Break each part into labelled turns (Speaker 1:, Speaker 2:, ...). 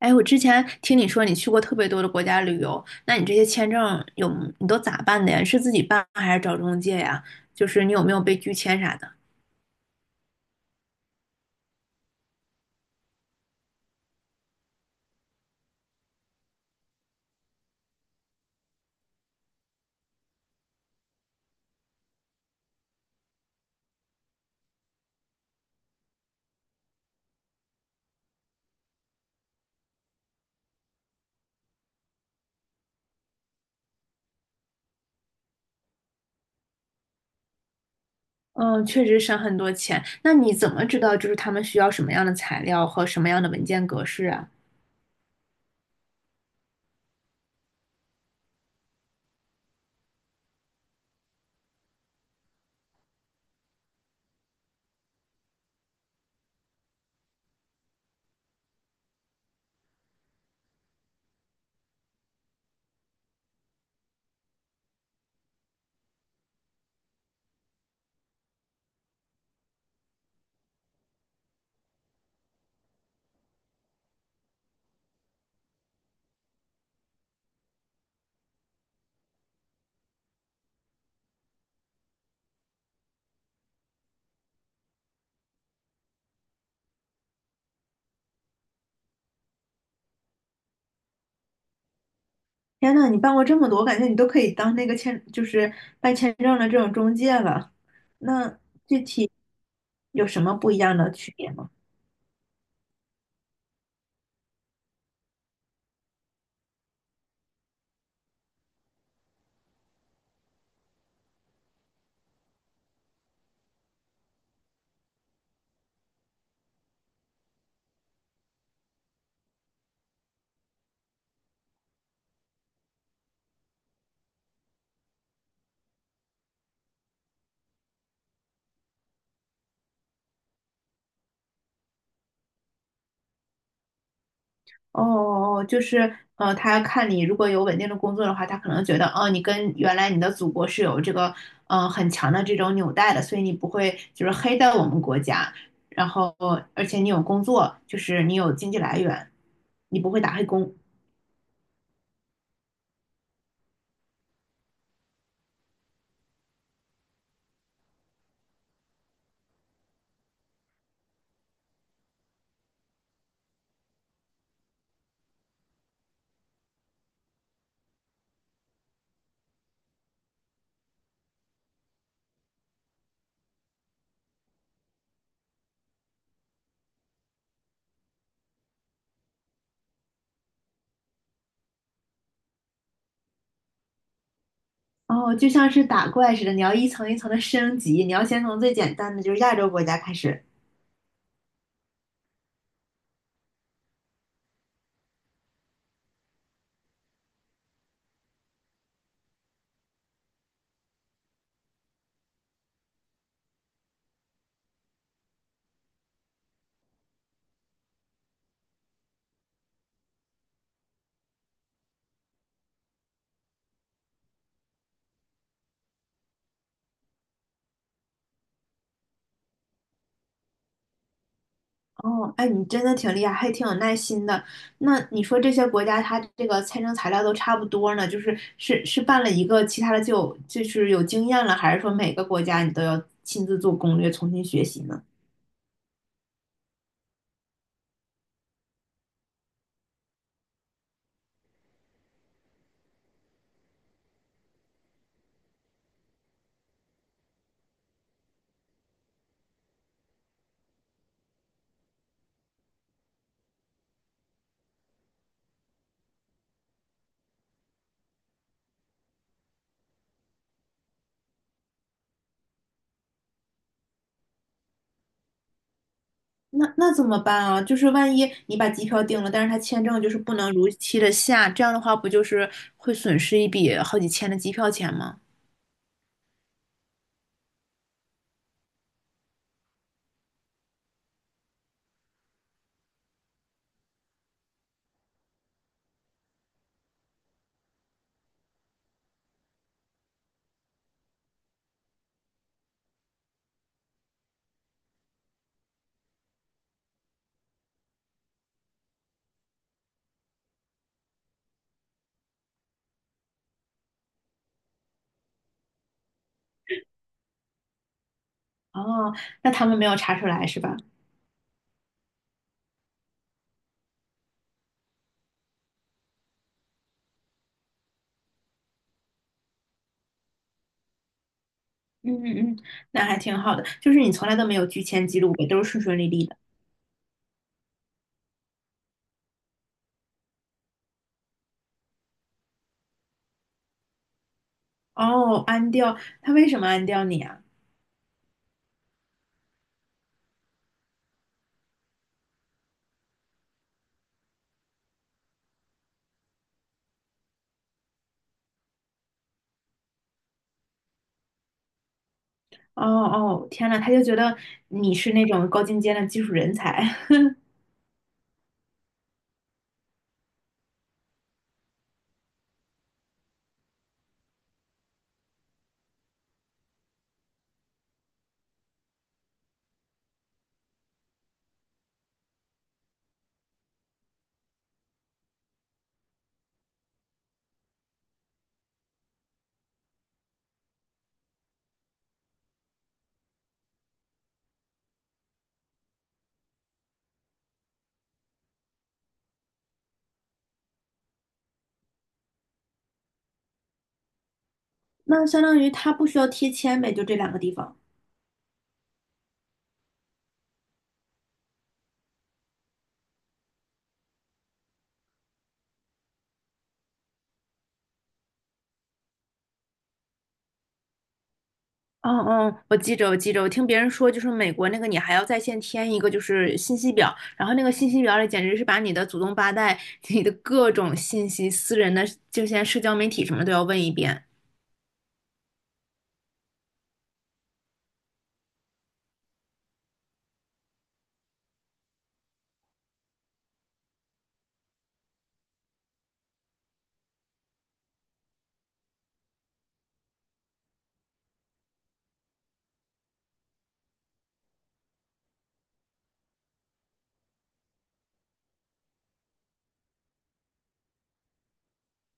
Speaker 1: 哎，我之前听你说你去过特别多的国家旅游，那你这些签证有，你都咋办的呀？是自己办还是找中介呀？就是你有没有被拒签啥的？嗯，确实省很多钱。那你怎么知道就是他们需要什么样的材料和什么样的文件格式啊？天呐，你办过这么多，我感觉你都可以当那个签，就是办签证的这种中介了。那具体有什么不一样的区别吗？哦哦，哦就是他看你如果有稳定的工作的话，他可能觉得，哦，你跟原来你的祖国是有这个很强的这种纽带的，所以你不会就是黑到我们国家，然后而且你有工作，就是你有经济来源，你不会打黑工。哦，就像是打怪似的，你要一层一层的升级，你要先从最简单的就是亚洲国家开始。哦，哎，你真的挺厉害，还挺有耐心的。那你说这些国家，它这个签证材料都差不多呢，就是是办了一个，其他的就有就是有经验了，还是说每个国家你都要亲自做攻略，重新学习呢？那怎么办啊？就是万一你把机票订了，但是他签证就是不能如期的下，这样的话不就是会损失一笔好几千的机票钱吗？哦，那他们没有查出来是吧？嗯嗯，嗯，那还挺好的，就是你从来都没有拒签记录呗，都是顺顺利利的。哦，安掉，他为什么安掉你啊？哦哦，天呐，他就觉得你是那种高精尖的技术人才。那相当于他不需要贴签呗，就这两个地方。哦哦，我记着，我记着，我听别人说，就是美国那个你还要在线填一个就是信息表，然后那个信息表里简直是把你的祖宗八代、你的各种信息、私人的就现在社交媒体什么都要问一遍。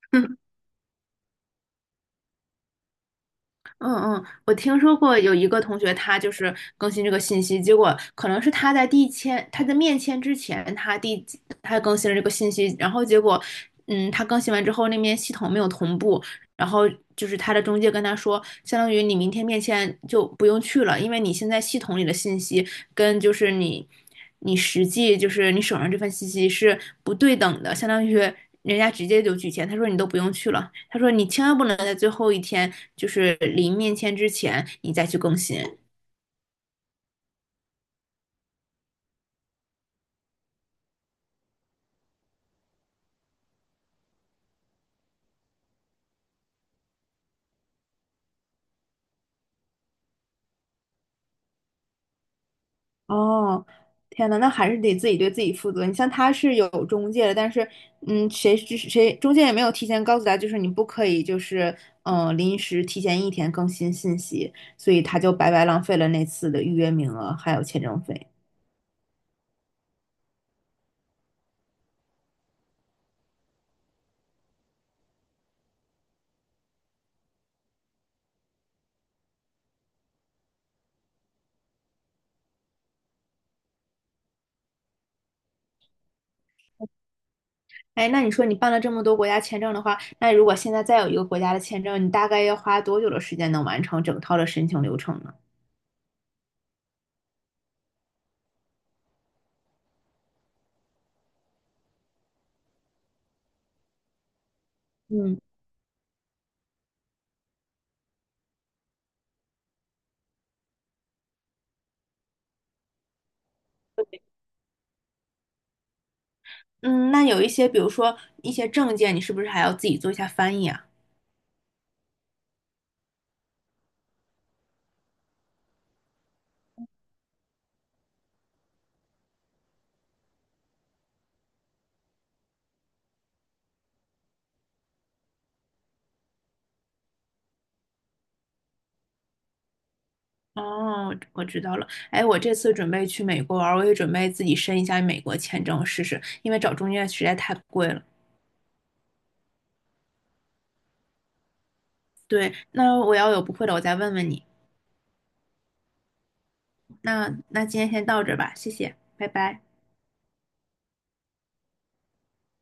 Speaker 1: 嗯嗯，我听说过有一个同学，他就是更新这个信息，结果可能是他在递签，他在面签之前，他递他更新了这个信息，然后结果，嗯，他更新完之后，那边系统没有同步，然后就是他的中介跟他说，相当于你明天面签就不用去了，因为你现在系统里的信息跟就是你实际就是你手上这份信息是不对等的，相当于人家直接就拒签。他说你都不用去了，他说你千万不能在最后一天就是临面签之前你再去更新。哦，天呐，那还是得自己对自己负责。你像他是有中介的，但是，嗯，谁知谁中介也没有提前告诉他，就是你不可以，就是临时提前一天更新信息，所以他就白白浪费了那次的预约名额还有签证费。哎，那你说你办了这么多国家签证的话，那如果现在再有一个国家的签证，你大概要花多久的时间能完成整套的申请流程呢？嗯嗯，那有一些，比如说一些证件，你是不是还要自己做一下翻译啊？哦，我知道了。哎，我这次准备去美国玩儿，我也准备自己申一下美国签证试试，因为找中介实在太贵了。对，那我要有不会的，我再问问你。那今天先到这儿吧，谢谢，拜拜。